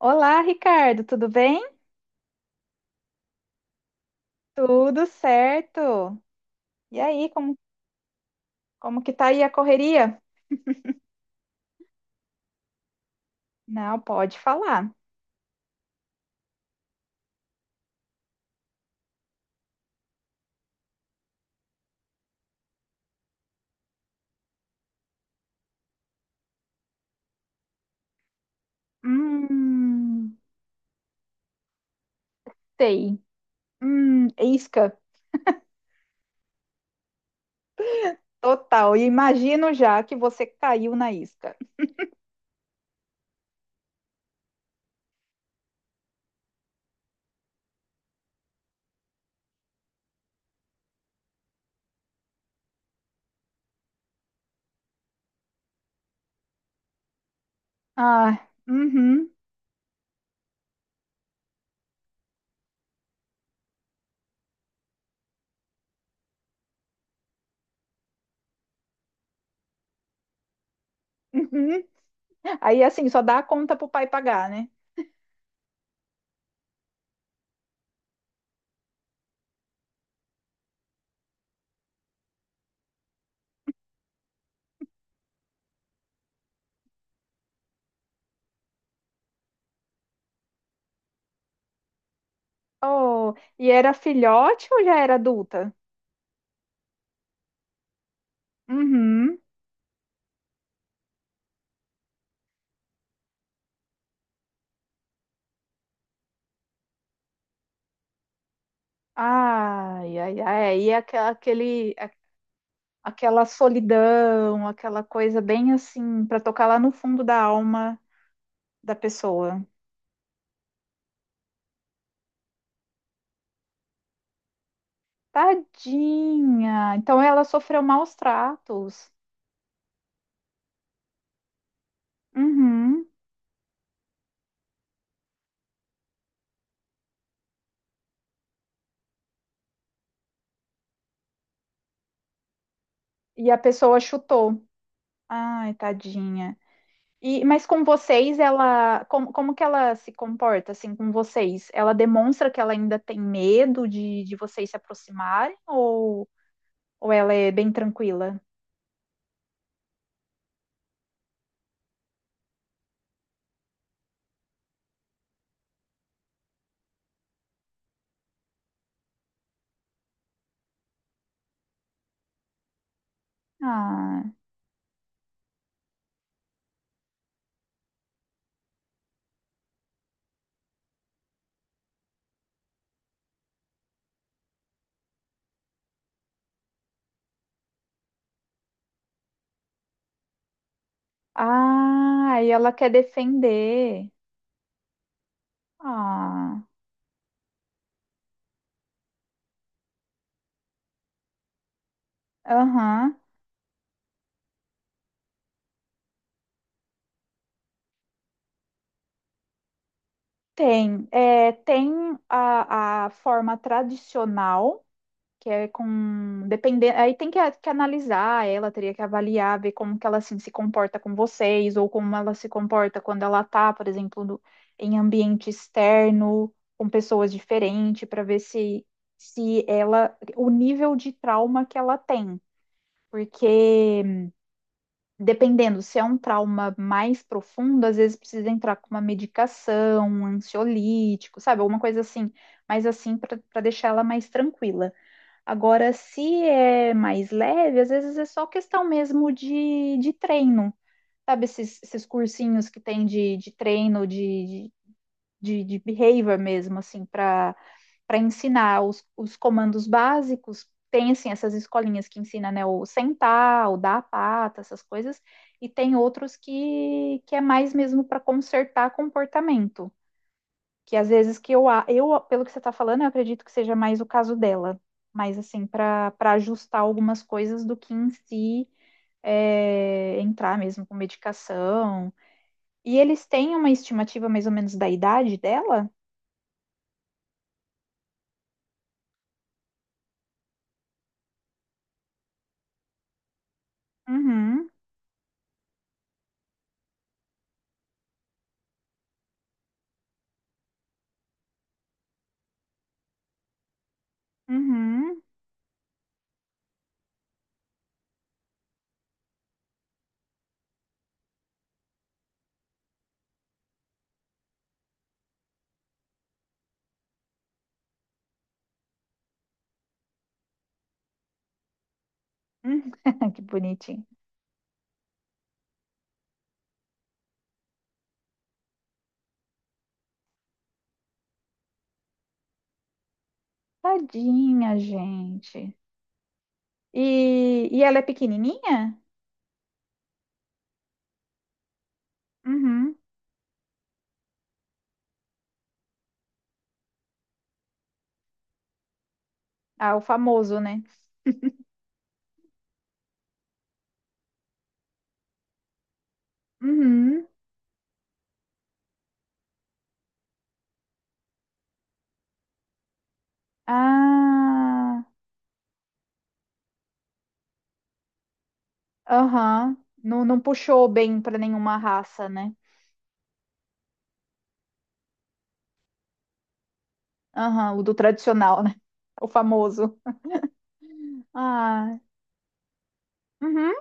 Olá, Ricardo, tudo bem? Tudo certo. E aí, como, como que tá aí a correria? Não, pode falar. Hum, sei. Isca, total. E imagino já que você caiu na isca. Ah, uhum, uhum. Aí assim, só dá a conta pro pai pagar, né? Oh, e era filhote ou já era adulta? Uhum. Ai, ai, ai. Aí é aquela- aquele, aquele aquela solidão, aquela coisa bem assim, para tocar lá no fundo da alma da pessoa. Tadinha! Então ela sofreu maus tratos. Uhum. E a pessoa chutou. Ai, tadinha. E, mas com vocês, ela, como, como que ela se comporta assim com vocês? Ela demonstra que ela ainda tem medo de vocês se aproximarem ou ela é bem tranquila? Ah, ah, e ela quer defender. Ah. Aham. Tem. É, tem a forma tradicional, que é com. Dependendo, aí tem que analisar ela, teria que avaliar, ver como que ela assim, se comporta com vocês, ou como ela se comporta quando ela tá, por exemplo, em ambiente externo, com pessoas diferentes, para ver se ela. O nível de trauma que ela tem. Porque. Dependendo, se é um trauma mais profundo, às vezes precisa entrar com uma medicação, um ansiolítico, sabe? Alguma coisa assim, mas assim para deixar ela mais tranquila. Agora, se é mais leve, às vezes é só questão mesmo de treino, sabe? Esses cursinhos que tem de treino, de behavior mesmo, assim, para ensinar os comandos básicos. Tem, assim, essas escolinhas que ensina, né, o sentar, o dar a pata, essas coisas. E tem outros que é mais mesmo para consertar comportamento. Que às vezes eu, pelo que você está falando, eu acredito que seja mais o caso dela. Mas, assim, para ajustar algumas coisas do que em si é, entrar mesmo com medicação. E eles têm uma estimativa mais ou menos da idade dela? Uhum. Uhum, uhum. Que bonitinho. Tadinha, gente. E ela é pequenininha? Uhum. Ah, o famoso, né? Uhum. Ah, aham. Não, não puxou bem para nenhuma raça, né? Aham, o do tradicional, né? O famoso. Ah, uhum.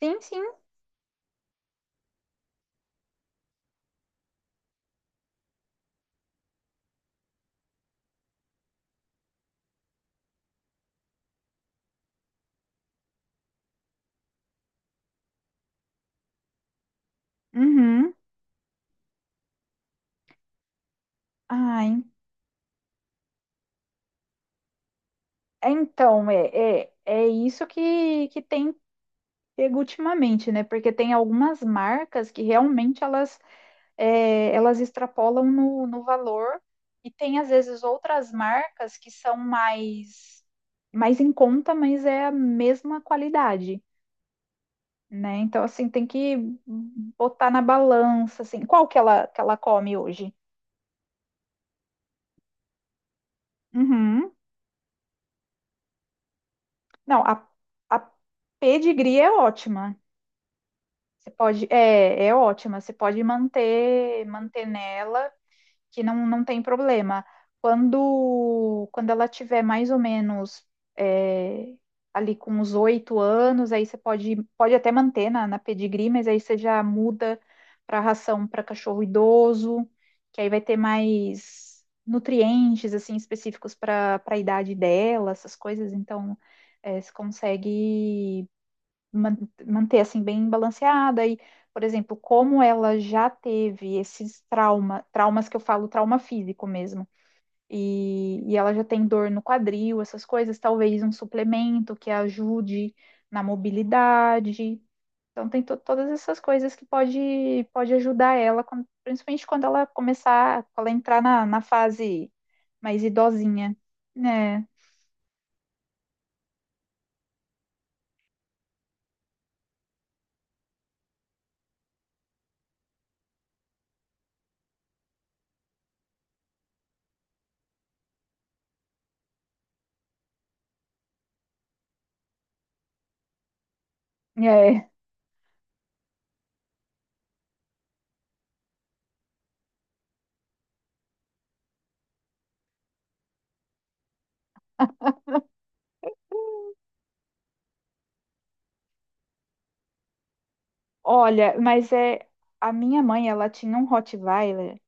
Sim, sim. Uhum. Ah, en- é, então, é isso que tem pego ultimamente, né? Porque tem algumas marcas que realmente elas. É, elas extrapolam no valor e tem às vezes outras marcas que são mais mais em conta, mas é a mesma qualidade, né? Então assim tem que botar na balança assim qual que ela come hoje. Uhum. Não, a pedigree é ótima. Você pode é, é ótima. Você pode manter nela que não, não tem problema. Quando ela tiver mais ou menos é, ali com os 8 anos, aí você pode, pode até manter na pedigree, mas aí você já muda para ração para cachorro idoso, que aí vai ter mais nutrientes assim específicos para a idade dela, essas coisas. Então, é, você consegue man- manter assim bem balanceada e, por exemplo, como ela já teve traumas que eu falo, trauma físico mesmo, e ela já tem dor no quadril, essas coisas, talvez um suplemento que ajude na mobilidade. Então tem todas essas coisas que pode, pode ajudar ela, quando- principalmente quando ela começar, quando ela entrar na fase mais idosinha, né? É. Olha, mas é, a minha mãe, ela tinha um Rottweiler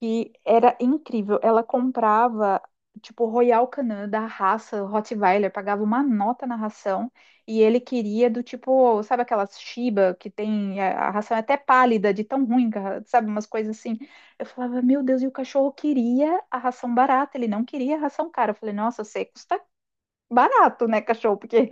que era incrível. Ela comprava, tipo, Royal Canin da raça Rottweiler, pagava uma nota na ração e ele queria do tipo, sabe aquelas Shiba que tem a ração é até pálida, de tão ruim, que a- sabe, umas coisas assim. Eu falava, meu Deus, e o cachorro queria a ração barata, ele não queria a ração cara. Eu falei, nossa, você custa barato, né, cachorro? Porque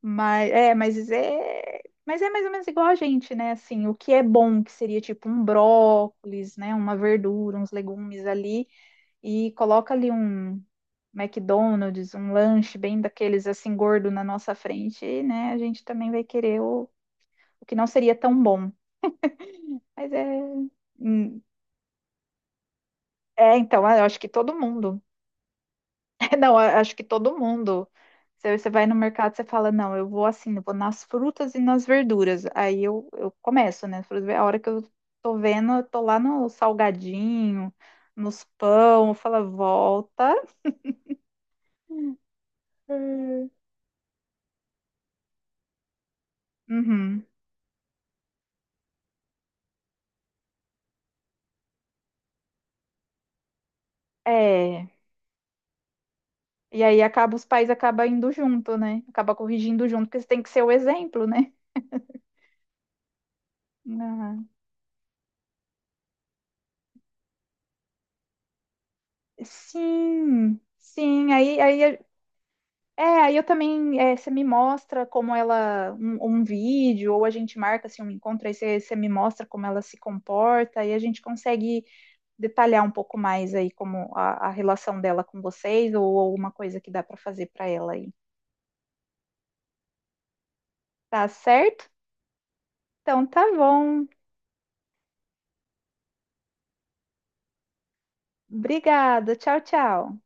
mas é mais ou menos igual a gente, né? Assim, o que é bom, que seria tipo um brócolis, né? Uma verdura, uns legumes ali, e coloca ali um McDonald's, um lanche bem daqueles assim gordo na nossa frente, e, né? A gente também vai querer o que não seria tão bom. Mas é, hum, é então, eu acho que todo mundo. É, não, a- acho que todo mundo. Você vai no mercado, você fala, não, eu vou assim, eu vou nas frutas e nas verduras. Eu começo, né? Frutas. A hora que eu tô vendo, eu tô lá no salgadinho, nos pão, eu falo volta. Hum, Uhum. É. E aí acaba, os pais acabam indo junto, né? Acaba corrigindo junto, porque você tem que ser o exemplo, né? Ah, sim, sim. Aí, é, aí eu também, é, você me mostra como ela, um vídeo, ou a gente marca assim, um encontro, aí você, você me mostra como ela se comporta, e a gente consegue detalhar um pouco mais aí como a relação dela com vocês, ou alguma coisa que dá para fazer para ela aí. Tá certo? Então tá bom. Obrigada. Tchau, tchau.